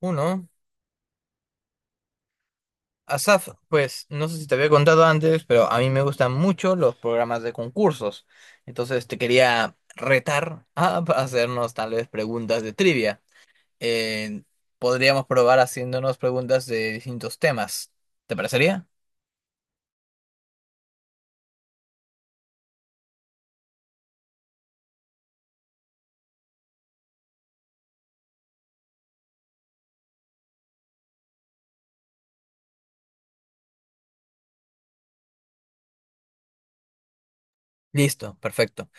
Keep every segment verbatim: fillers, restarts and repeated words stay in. Uno, Asaf, pues no sé si te había contado antes, pero a mí me gustan mucho los programas de concursos. Entonces te quería retar a hacernos tal vez preguntas de trivia. Eh, Podríamos probar haciéndonos preguntas de distintos temas. ¿Te parecería? Listo, perfecto.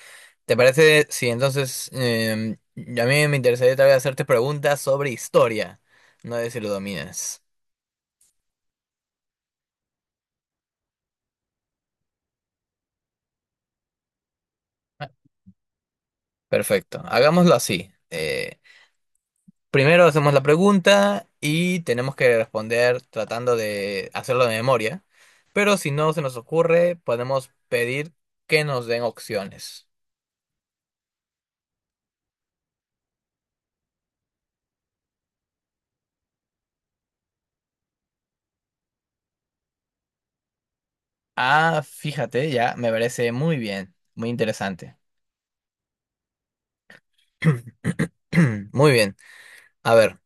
¿Te parece? Sí, entonces em, a mí me interesaría tal vez hacerte preguntas sobre historia. No sé si lo dominas. Perfecto, hagámoslo así. Eh, Primero hacemos la pregunta y tenemos que responder tratando de hacerlo de memoria, pero si no se nos ocurre, podemos pedir que nos den opciones. Ah, fíjate, ya me parece muy bien, muy interesante. Muy bien, a ver,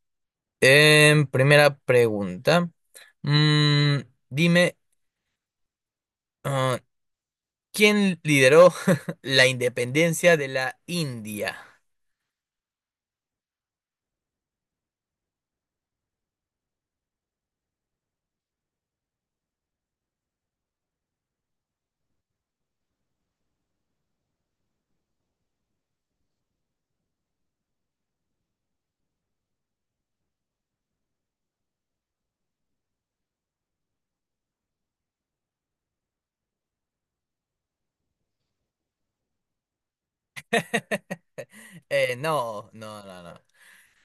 em, primera pregunta. Mm, dime, ah, ¿quién lideró la independencia de la India? Eh, no, no, no, no.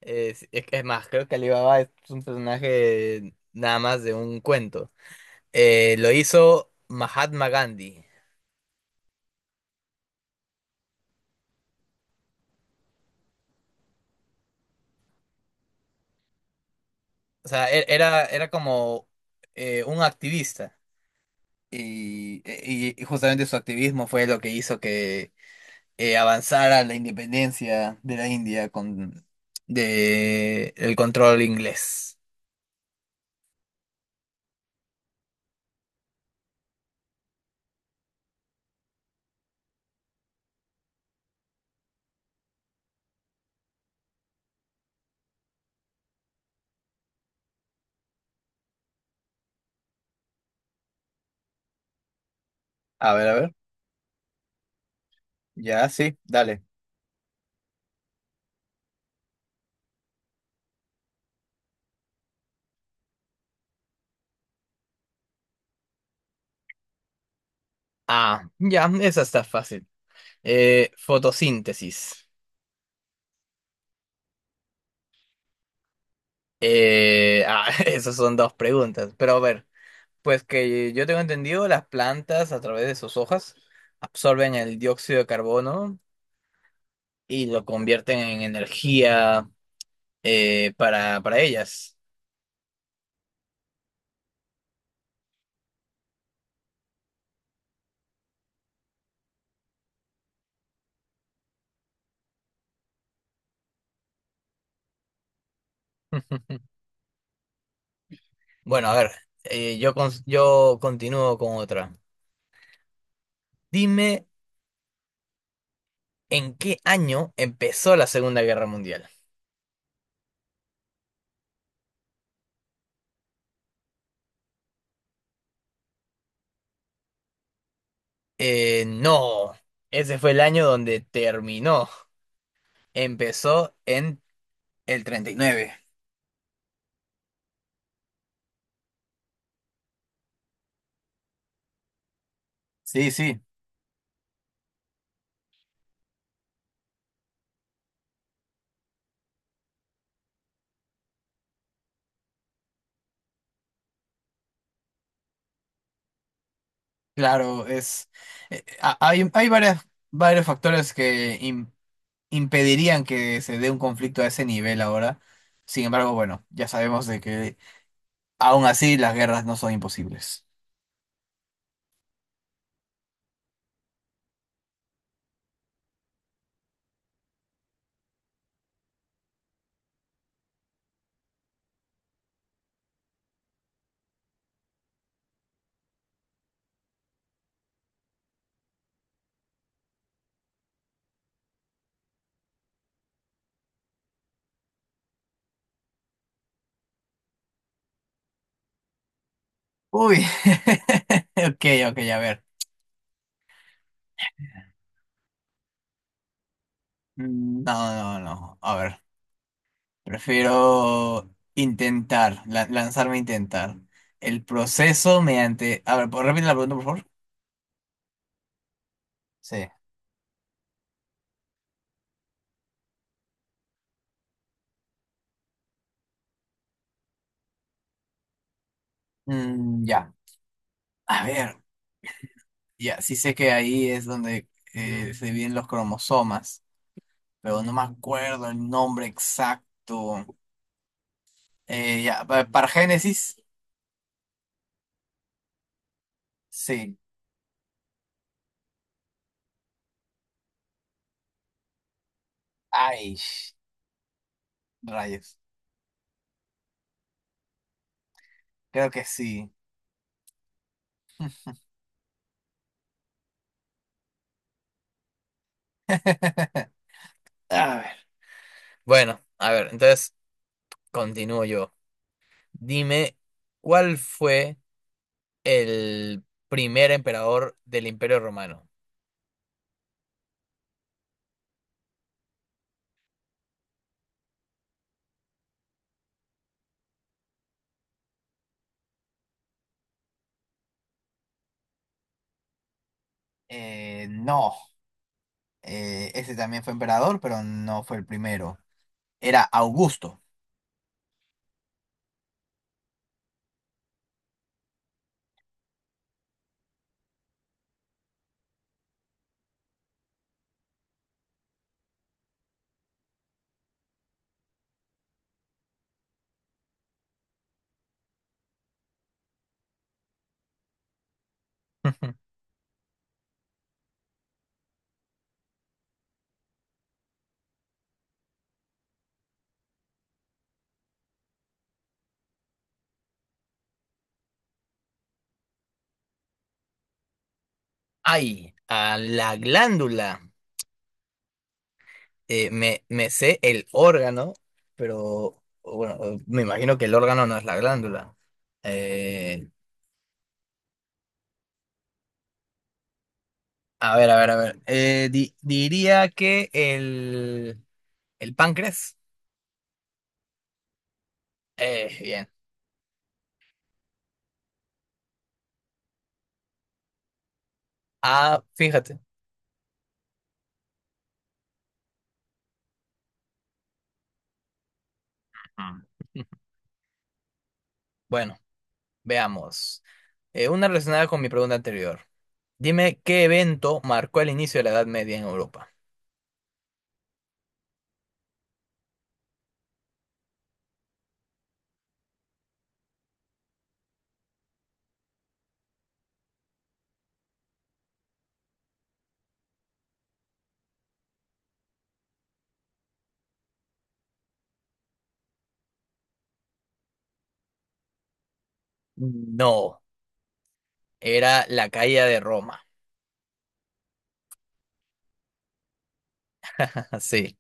Es, es que es más, creo que Alibaba es un personaje nada más de un cuento. Eh, lo hizo Mahatma Gandhi. O sea, e- era, era como eh, un activista. Y, y- y justamente su activismo fue lo que hizo que eh, avanzara la independencia de la India con de el control inglés. A ver, a ver. Ya, sí, dale. Ah, ya, esa está fácil. Eh, fotosíntesis. Eh, ah, esas son dos preguntas. Pero a ver, pues que yo tengo entendido, las plantas a través de sus hojas absorben el dióxido de carbono y lo convierten en energía eh, para, para ellas. Bueno, a ver, eh, yo, con- yo continúo con otra. Dime, ¿en qué año empezó la Segunda Guerra Mundial? Eh, no, ese fue el año donde terminó. Empezó en el treinta y nueve. Sí, sí. Claro, es eh, ha- hay, hay varias, varios factores que im- impedirían que se dé un conflicto a ese nivel ahora. Sin embargo, bueno, ya sabemos de que aún así las guerras no son imposibles. Uy, ok, ok, a ver. Mm, no, no, no, a ver. Prefiero intentar, la- lanzarme a intentar. El proceso mediante... A ver, ¿puedo repetir la pregunta, por favor? Sí. Mm, ya. A ver. Ya, sí sé que ahí es donde eh, se dividen los cromosomas, pero no me acuerdo el nombre exacto. Eh, ya, pa- para Génesis, sí. Ay, sh- rayos. Creo que sí. A ver. Bueno, a ver, entonces continúo yo. Dime, ¿cuál fue el primer emperador del Imperio Romano? Eh, no, eh, ese también fue emperador, pero no fue el primero. Era Augusto. Ay, a la glándula. Eh, me, me sé el órgano, pero bueno, me imagino que el órgano no es la glándula. Eh, a ver, a ver, a ver. Eh, di- diría que el, el páncreas. Eh, bien. Ah, fíjate. Mm. Bueno, veamos. Eh, una relacionada con mi pregunta anterior. Dime qué evento marcó el inicio de la Edad Media en Europa. No, era la caída de Roma. Sí.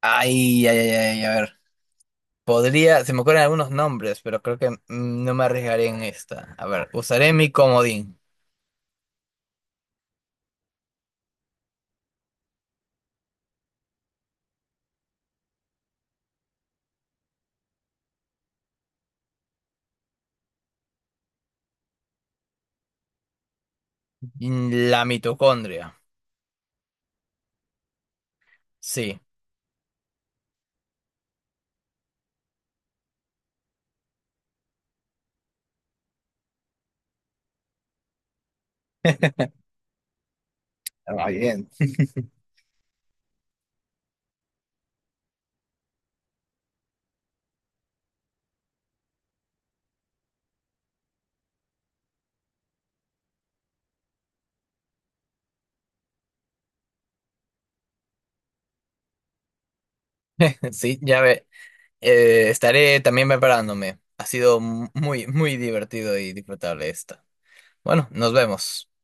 Ay, ay, ay, ay, a ver. Podría, se me ocurren algunos nombres, pero creo que mm, no me arriesgaré en esta. A ver, usaré mi comodín. Mm, la mitocondria. Sí. Ah, bien. Sí, ya ve. Eh, estaré también preparándome. Ha sido mu- muy, muy divertido y disfrutable esta. Bueno, nos vemos.